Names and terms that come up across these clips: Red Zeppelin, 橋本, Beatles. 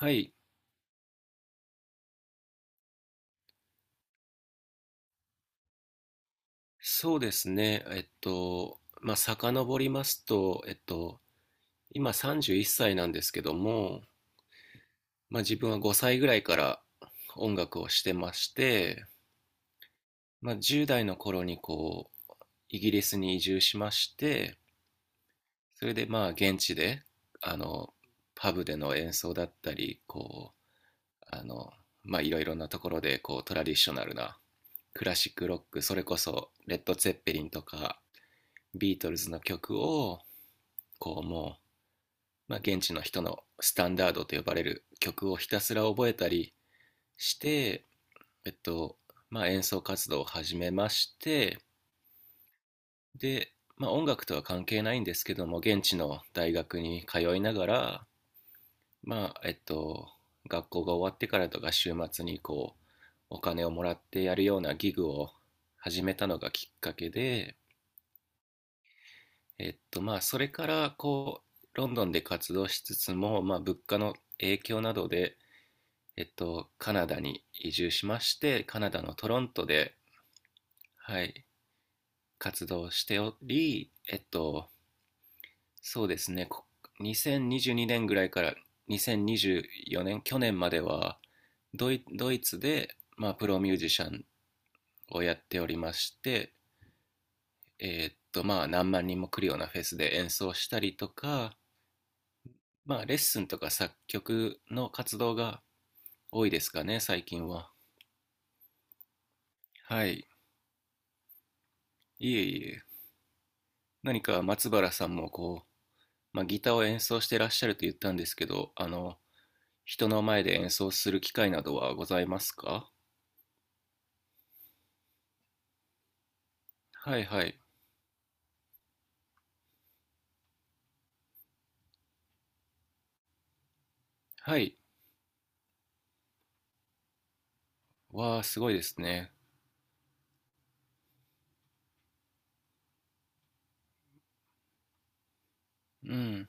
はい、そうですね。まあ、遡りますと、今31歳なんですけども、まあ、自分は5歳ぐらいから音楽をしてまして、まあ、10代の頃にこう、イギリスに移住しまして、それでまあ、現地で、あの、パブでの演奏だったり、こう、まあ、いろいろなところで、こう、トラディショナルなクラシックロック、それこそ、レッド・ツェッペリンとか、ビートルズの曲を、こうもう、まあ、現地の人のスタンダードと呼ばれる曲をひたすら覚えたりして、えっと、まあ、演奏活動を始めまして、で、まあ、音楽とは関係ないんですけども、現地の大学に通いながら、まあ、学校が終わってからとか週末にこう、お金をもらってやるようなギグを始めたのがきっかけで、まあ、それからこう、ロンドンで活動しつつも、まあ、物価の影響などで、カナダに移住しまして、カナダのトロントで、はい、活動しており、そうですね、2022年ぐらいから2024年、去年まではドイツで、まあ、プロミュージシャンをやっておりまして、まあ、何万人も来るようなフェスで演奏したりとか、まあ、レッスンとか作曲の活動が多いですかね、最近は。はい。いえいえ。何か松原さんもこう、まあ、ギターを演奏してらっしゃると言ったんですけど、人の前で演奏する機会などはございますか？はいはい。はい。わあ、すごいですね。うん。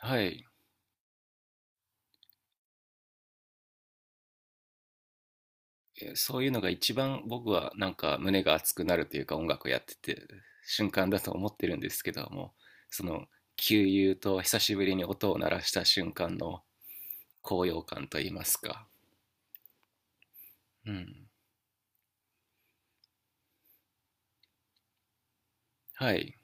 はい。そういうのが一番僕はなんか胸が熱くなるというか、音楽やってて瞬間だと思ってるんですけども、その、急油と久しぶりに音を鳴らした瞬間の高揚感といいますか。うん。はい。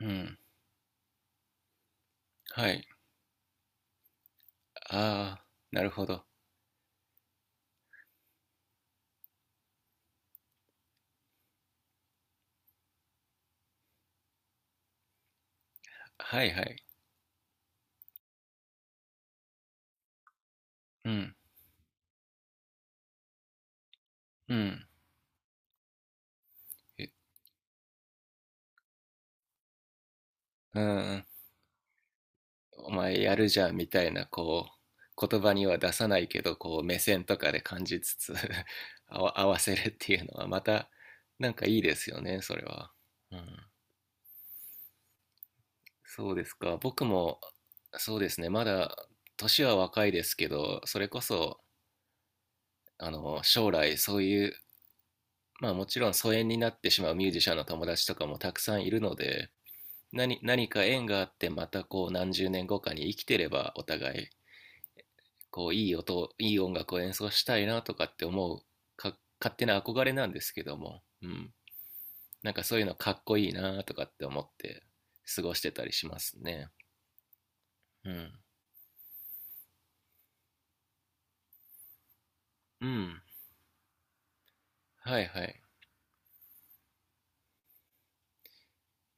うん。はい。ああ、なるほど。はいはい。うん。うん。うん、お前やるじゃんみたいな、こう、言葉には出さないけどこう目線とかで感じつつ 合わせるっていうのはまたなんかいいですよね、それは。うん、そうですか。僕もそうですね、まだ年は若いですけど、それこそ将来そういう、まあ、もちろん疎遠になってしまうミュージシャンの友達とかもたくさんいるので、何か縁があってまたこう何十年後かに生きてればお互いこういい音楽を演奏したいなとかって思うか、勝手な憧れなんですけども、うん、なんかそういうのかっこいいなとかって思って過ごしてたりしますね。うん、うん。はいはい。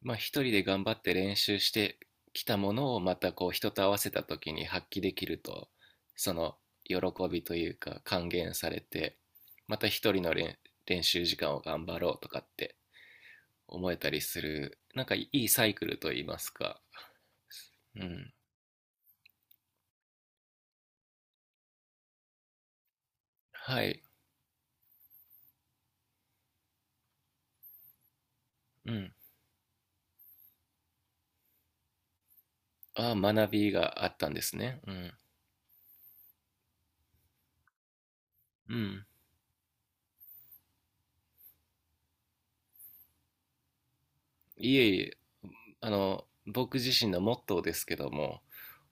まあ、一人で頑張って練習してきたものをまたこう人と合わせた時に発揮できると、その喜びというか還元されて、また一人の練習時間を頑張ろうとかって思えたりする、なんかいいサイクルといいますか。うん。はい。うん。ああ、学びがあったんですね。うん。うん。いえいえ、あの、僕自身のモットーですけども、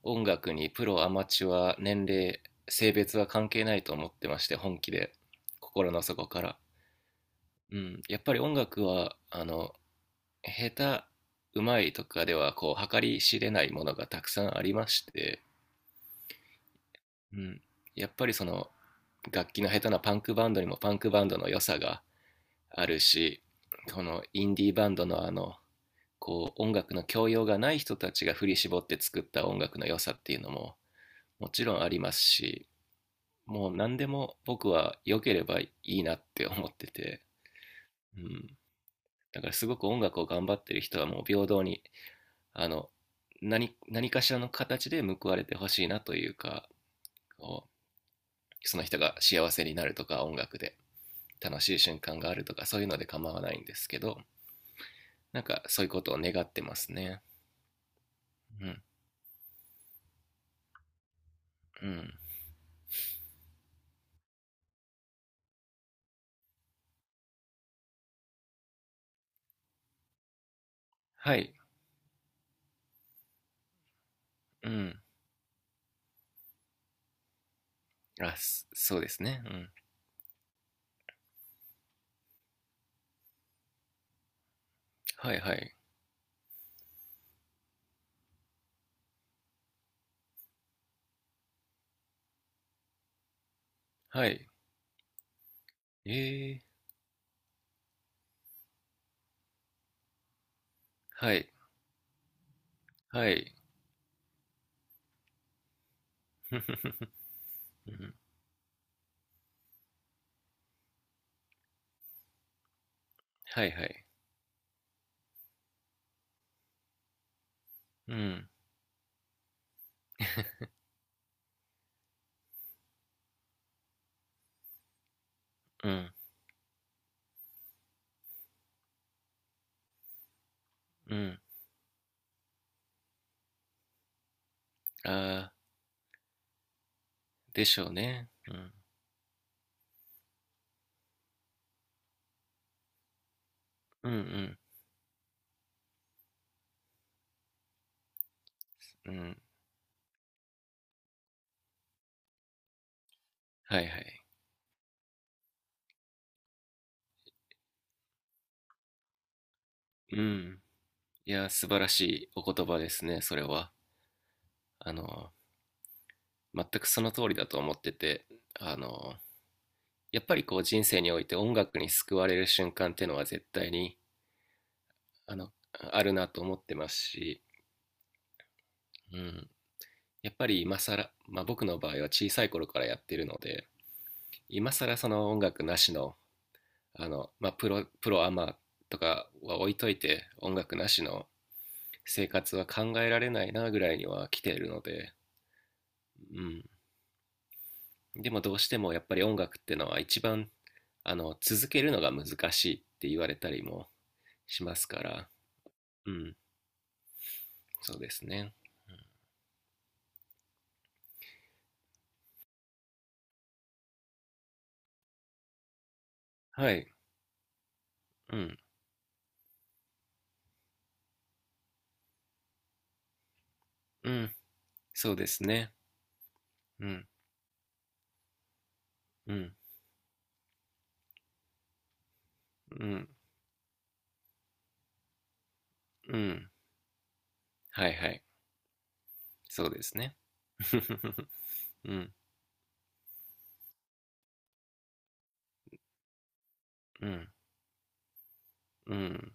音楽にプロ、アマチュア、年齢、性別は関係ないと思ってまして、本気で、心の底から。うん。やっぱり音楽は、下手、うまいとかでは、こう、計り知れないものがたくさんありまして、うん。やっぱりその、楽器の下手なパンクバンドにもパンクバンドの良さがあるし、このインディーバンドのこう音楽の教養がない人たちが振り絞って作った音楽の良さっていうのももちろんありますし、もう何でも僕は良ければいいなって思ってて、うん。だからすごく音楽を頑張ってる人はもう平等に、あの、何かしらの形で報われてほしいなというか、こうその人が幸せになるとか音楽で楽しい瞬間があるとかそういうので構わないんですけど、なんかそういうことを願ってますね。うん、うん。はい、うん。あ、そうですね。うん。はいはい。はい。ええ、はい、はい。うん、はいはい。うん、うん、うん。ああ、でしょうね。うん、うん、うん、うん。はいはい。うん。いや、素晴らしいお言葉ですね、それは。あの、全くその通りだと思ってて、あの、やっぱりこう人生において音楽に救われる瞬間っていうのは絶対に、あるなと思ってますし、うん。やっぱり今更、まあ、僕の場合は小さい頃からやってるので、今更その音楽なしのまあ、プロアマとかは置いといて音楽なしの生活は考えられないなぐらいには来ているので、うん、でもどうしてもやっぱり音楽ってのは一番続けるのが難しいって言われたりもしますから。うん、そうですね。はい。うん、うん。そうですね。うん、うん、うん、うん。はいはい。そうですね。 うん、うん、うん。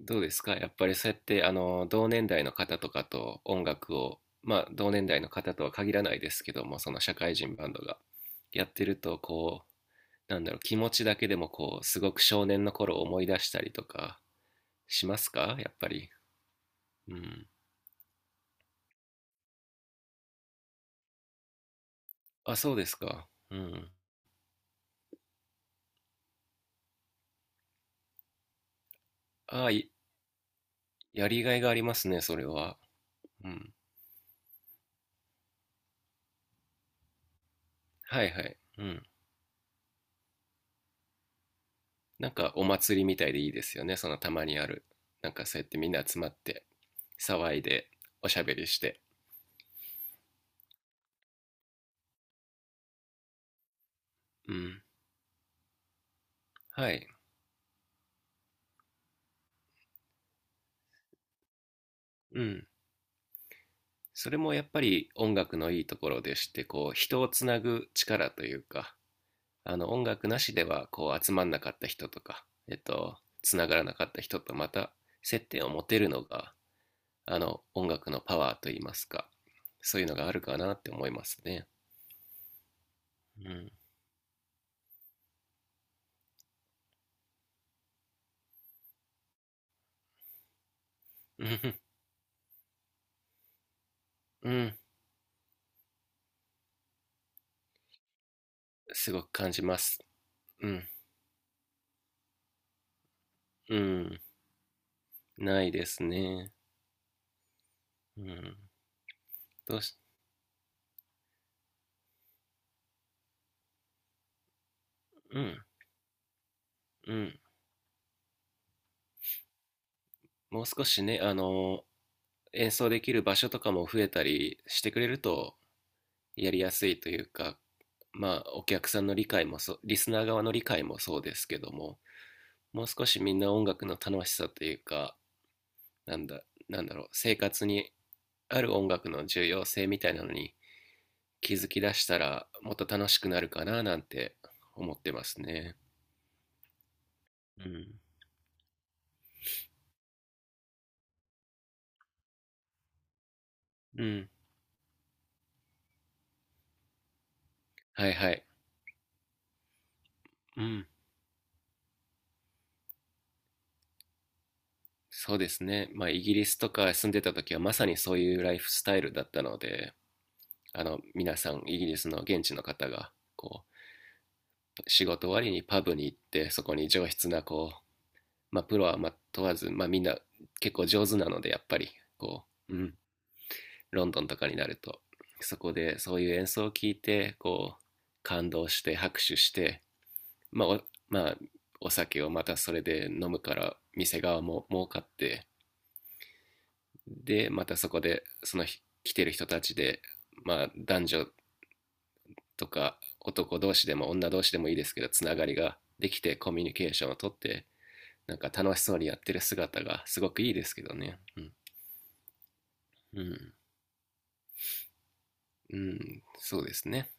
どうですか、やっぱりそうやってあの同年代の方とかと音楽を、まあ、同年代の方とは限らないですけども、その社会人バンドがやってると、こう、なんだろう、気持ちだけでもこう、すごく少年の頃を思い出したりとかしますか、やっぱり。うん。あ、そうですか。うん。ああ、やりがいがありますね、それは。うん。はいはい。うん。なんかお祭りみたいでいいですよね、そのたまにある。なんかそうやってみんな集まって騒いでおしゃべりして。うん。はい。うん。それもやっぱり音楽のいいところでして、こう人をつなぐ力というか、あの音楽なしではこう集まんなかった人とか、つながらなかった人とまた接点を持てるのが、あの音楽のパワーといいますか、そういうのがあるかなって思いますね。うん。うん。すごく感じます。うん。うん、ないですね。うん。どうし、うん、うん。もう少しね、演奏できる場所とかも増えたりしてくれるとやりやすいというか、まあ、お客さんの理解もそう、リスナー側の理解もそうですけども、もう少しみんな音楽の楽しさというか、なんだ、なんだろう、生活にある音楽の重要性みたいなのに気づき出したら、もっと楽しくなるかななんて思ってますね。うん。うん。はいはい。うん。そうですね。まあ、イギリスとか住んでた時はまさにそういうライフスタイルだったので、あの、皆さん、イギリスの現地の方が、こう、仕事終わりにパブに行って、そこに上質な、こう、まあ、プロはまあ問わず、まあ、みんな結構上手なので、やっぱり、こう、うん、ロンドンとかになると、そこでそういう演奏を聞いて、こう、感動して拍手して、まあ、お、まあ、お酒をまたそれで飲むから、店側も儲かって、で、またそこで、その日来てる人たちで、まあ、男女とか男同士でも女同士でもいいですけど、つながりができてコミュニケーションをとって、なんか楽しそうにやってる姿がすごくいいですけどね。うん。うん。うん、そうですね。